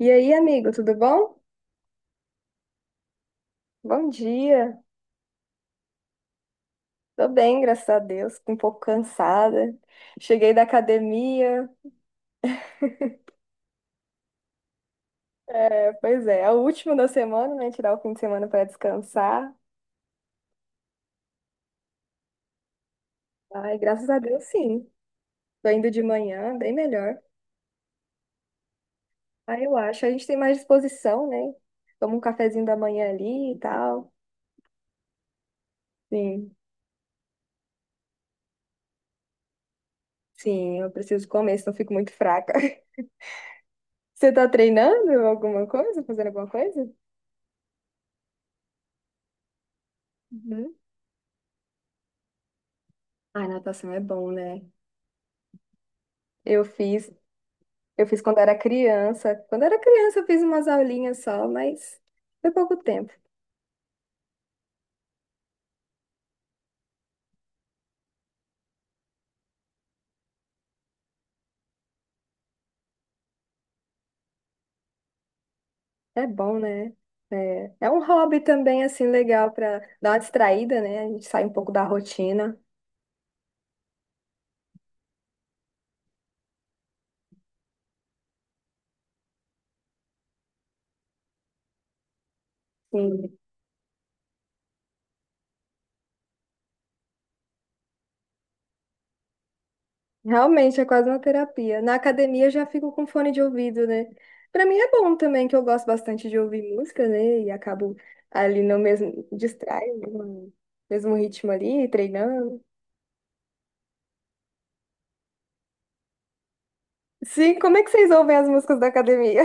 E aí, amigo, tudo bom? Bom dia. Tô bem, graças a Deus. Fico um pouco cansada. Cheguei da academia. É, pois é, é o último da semana, né? Tirar o fim de semana para descansar. Ai, graças a Deus, sim. Tô indo de manhã, bem melhor. Ah, eu acho, a gente tem mais disposição, né? Toma um cafezinho da manhã ali e tal. Sim, sim, eu preciso comer, senão eu fico muito fraca. Você tá treinando alguma coisa? Fazendo alguma coisa? Uhum. Ai, natação é bom, né? Eu fiz Eu fiz quando era criança. Quando era criança, eu fiz umas aulinhas só, mas foi pouco tempo. É bom, né? É, é um hobby também, assim, legal para dar uma distraída, né? A gente sai um pouco da rotina. Sim. Realmente é quase uma terapia. Na academia eu já fico com fone de ouvido, né? Para mim é bom também, que eu gosto bastante de ouvir música, né? E acabo ali no mesmo, distrai, no mesmo ritmo ali, treinando. Sim, como é que vocês ouvem as músicas da academia?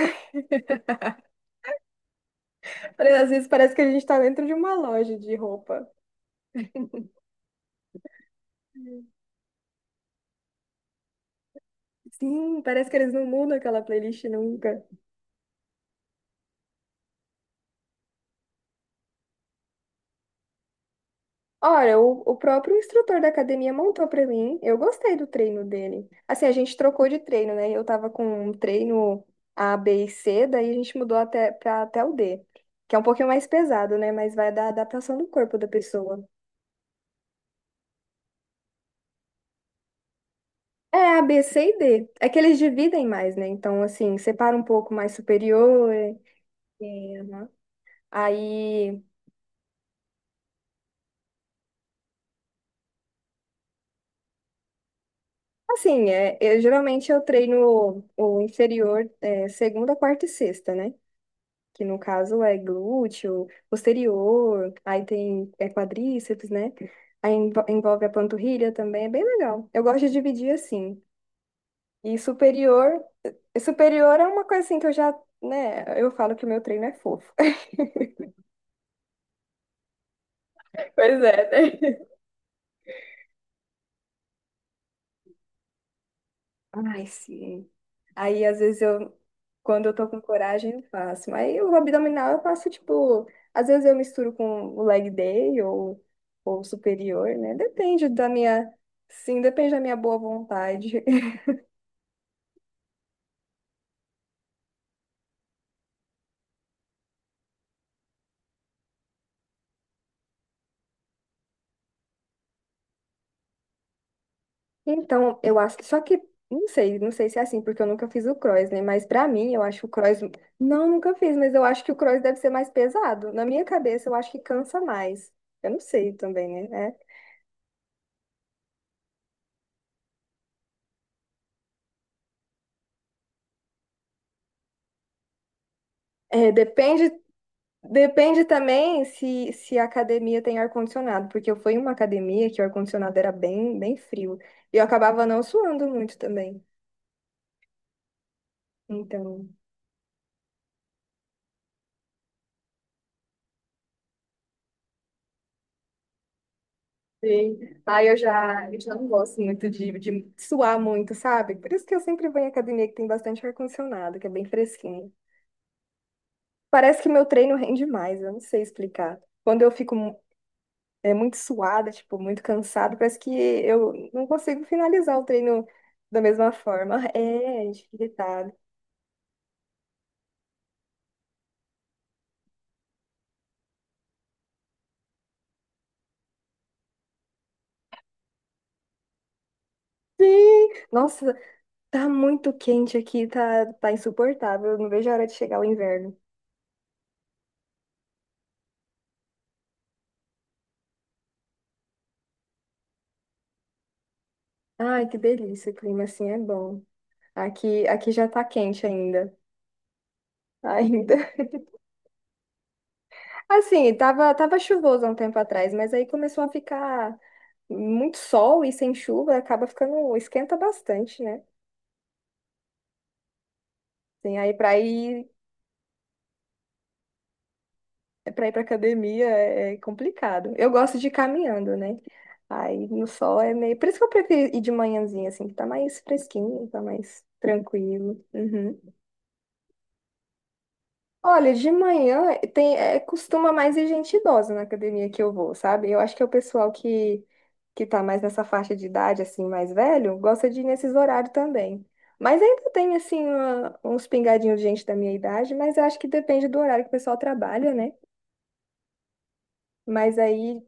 Às vezes parece que a gente tá dentro de uma loja de roupa. Sim, parece que eles não mudam aquela playlist nunca. Ora, o próprio instrutor da academia montou pra mim. Eu gostei do treino dele. Assim, a gente trocou de treino, né? Eu tava com um treino A, B e C, daí a gente mudou até para até o D, que é um pouquinho mais pesado, né? Mas vai da adaptação do corpo da pessoa. É, A, B, C e D. É que eles dividem mais, né? Então, assim, separa um pouco mais superior. É, é, aham. Aí. Assim, é, eu, geralmente eu treino o inferior é, segunda, quarta e sexta, né? Que no caso é glúteo, posterior, aí tem é, quadríceps, né? Envolve a panturrilha também, é bem legal. Eu gosto de dividir assim. E superior, superior é uma coisa assim que eu já, né? Eu falo que o meu treino é fofo. Pois é, né? Ai, sim. Aí, às vezes, eu, quando eu tô com coragem, eu faço. Mas o abdominal eu faço, tipo, às vezes eu misturo com o leg day ou superior, né? Depende da minha, sim, depende da minha boa vontade. Então, eu acho que, só que, não sei, não sei se é assim, porque eu nunca fiz o cross, né? Mas pra mim, eu acho que o cross, não, nunca fiz, mas eu acho que o cross deve ser mais pesado. Na minha cabeça, eu acho que cansa mais. Eu não sei também, né? É, É, depende Depende também se a academia tem ar-condicionado, porque eu fui em uma academia que o ar-condicionado era bem, bem frio. E eu acabava não suando muito também. Então, sim. Aí eu já não gosto muito de suar muito, sabe? Por isso que eu sempre vou em academia que tem bastante ar-condicionado, que é bem fresquinho. Parece que meu treino rende mais, eu não sei explicar. Quando eu fico mu- É, muito suada, tipo, muito cansada, parece que eu não consigo finalizar o treino da mesma forma. Sim. Nossa, tá muito quente aqui, tá, tá insuportável. Eu não vejo a hora de chegar o inverno. Ai, que delícia, o clima assim é bom. Aqui, aqui já tá quente ainda. Ainda. Assim, tava, tava chuvoso há um tempo atrás, mas aí começou a ficar muito sol e sem chuva, acaba ficando, esquenta bastante, né? Assim, aí pra ir Para ir para academia é é complicado. Eu gosto de ir caminhando, né? Aí no sol é meio. Por isso que eu prefiro ir de manhãzinha, assim, que tá mais fresquinho, tá mais tranquilo. Uhum. Olha, de manhã tem, é, costuma mais ir gente idosa na academia que eu vou, sabe? Eu acho que é o pessoal que tá mais nessa faixa de idade, assim, mais velho, gosta de ir nesses horários também. Mas ainda tem, assim, uma- uns pingadinhos de gente da minha idade, mas eu acho que depende do horário que o pessoal trabalha, né? Mas aí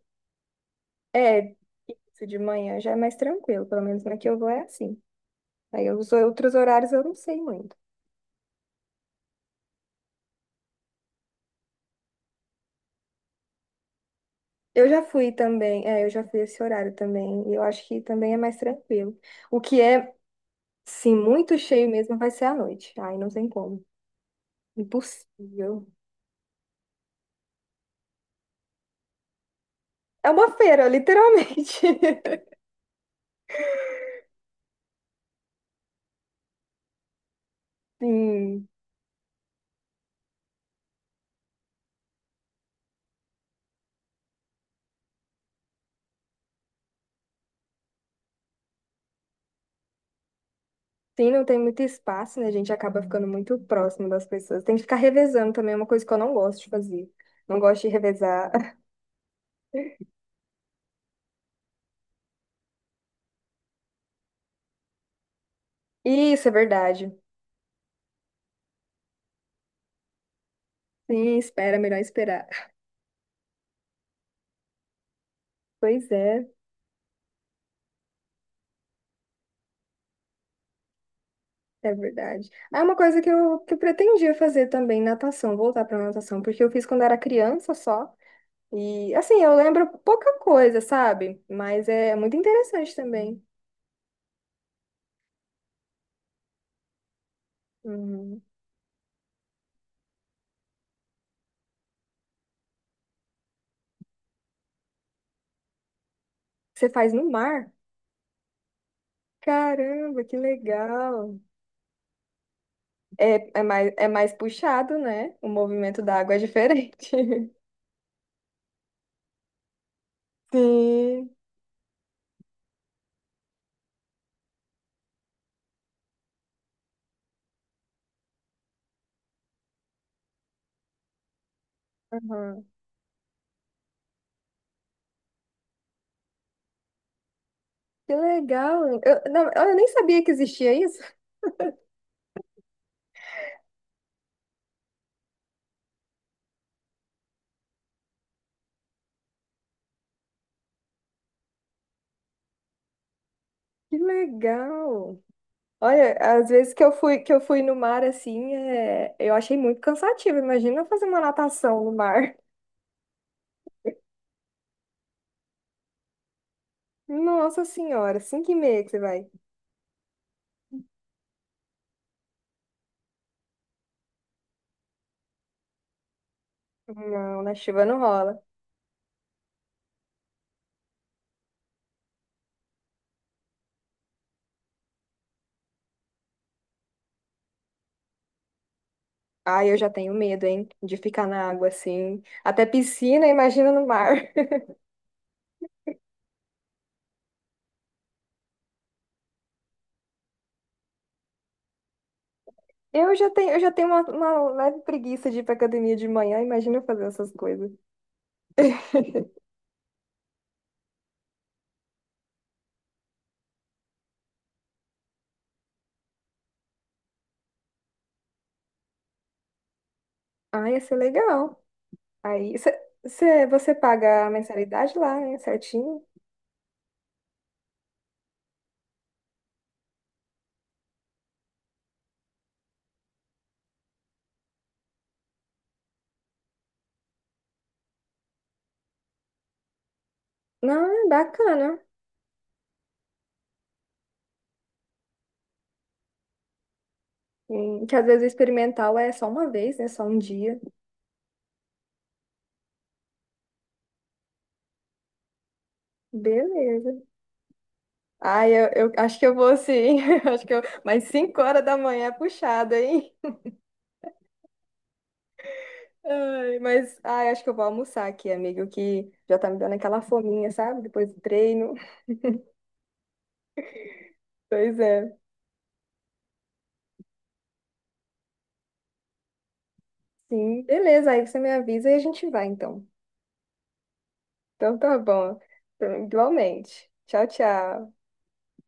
É, isso de manhã já é mais tranquilo, pelo menos na que eu vou é assim. Aí os outros horários eu não sei muito. Eu já fui também, é, eu já fui esse horário também, e eu acho que também é mais tranquilo. O que é, sim, muito cheio mesmo vai ser à noite. Ai, não tem como. Impossível. É uma feira, literalmente. Sim. Sim, não tem muito espaço, né? A gente acaba ficando muito próximo das pessoas. Tem que ficar revezando também, é uma coisa que eu não gosto de fazer. Não gosto de revezar. Isso é verdade. Sim, espera, é melhor esperar. Pois é, é verdade. É uma coisa que eu pretendia fazer também, natação, voltar para natação, porque eu fiz quando era criança só. E assim, eu lembro pouca coisa, sabe? Mas é muito interessante também. Uhum. Você faz no mar? Caramba, que legal. É, é mais puxado, né? O movimento da água é diferente. Sim. Aham. Que legal. Eu, não, eu nem sabia que existia isso. Que legal. Olha, às vezes que eu fui no mar assim, é, eu achei muito cansativo. Imagina fazer uma natação no mar. Nossa senhora, 5:30 que você vai. Não, na chuva não rola. Ai, eu já tenho medo, hein, de ficar na água assim. Até piscina, imagina no mar. Eu já tenho uma leve preguiça de ir pra academia de manhã, imagina eu fazer essas coisas. Ai, ia ser legal. Aí, cê, Você paga a mensalidade lá, né, certinho? Não, é bacana. Sim, que às vezes o experimental é só uma vez, né? Só um dia. Beleza. Ai, eu acho que eu vou sim. Acho que eu... Mas 5 horas da manhã é puxado, hein? Ai, mas ai, acho que eu vou almoçar aqui, amigo, que já tá me dando aquela fominha, sabe? Depois do treino. Pois é. Sim, beleza. Aí você me avisa e a gente vai, então. Então tá bom. Igualmente. Tchau, tchau.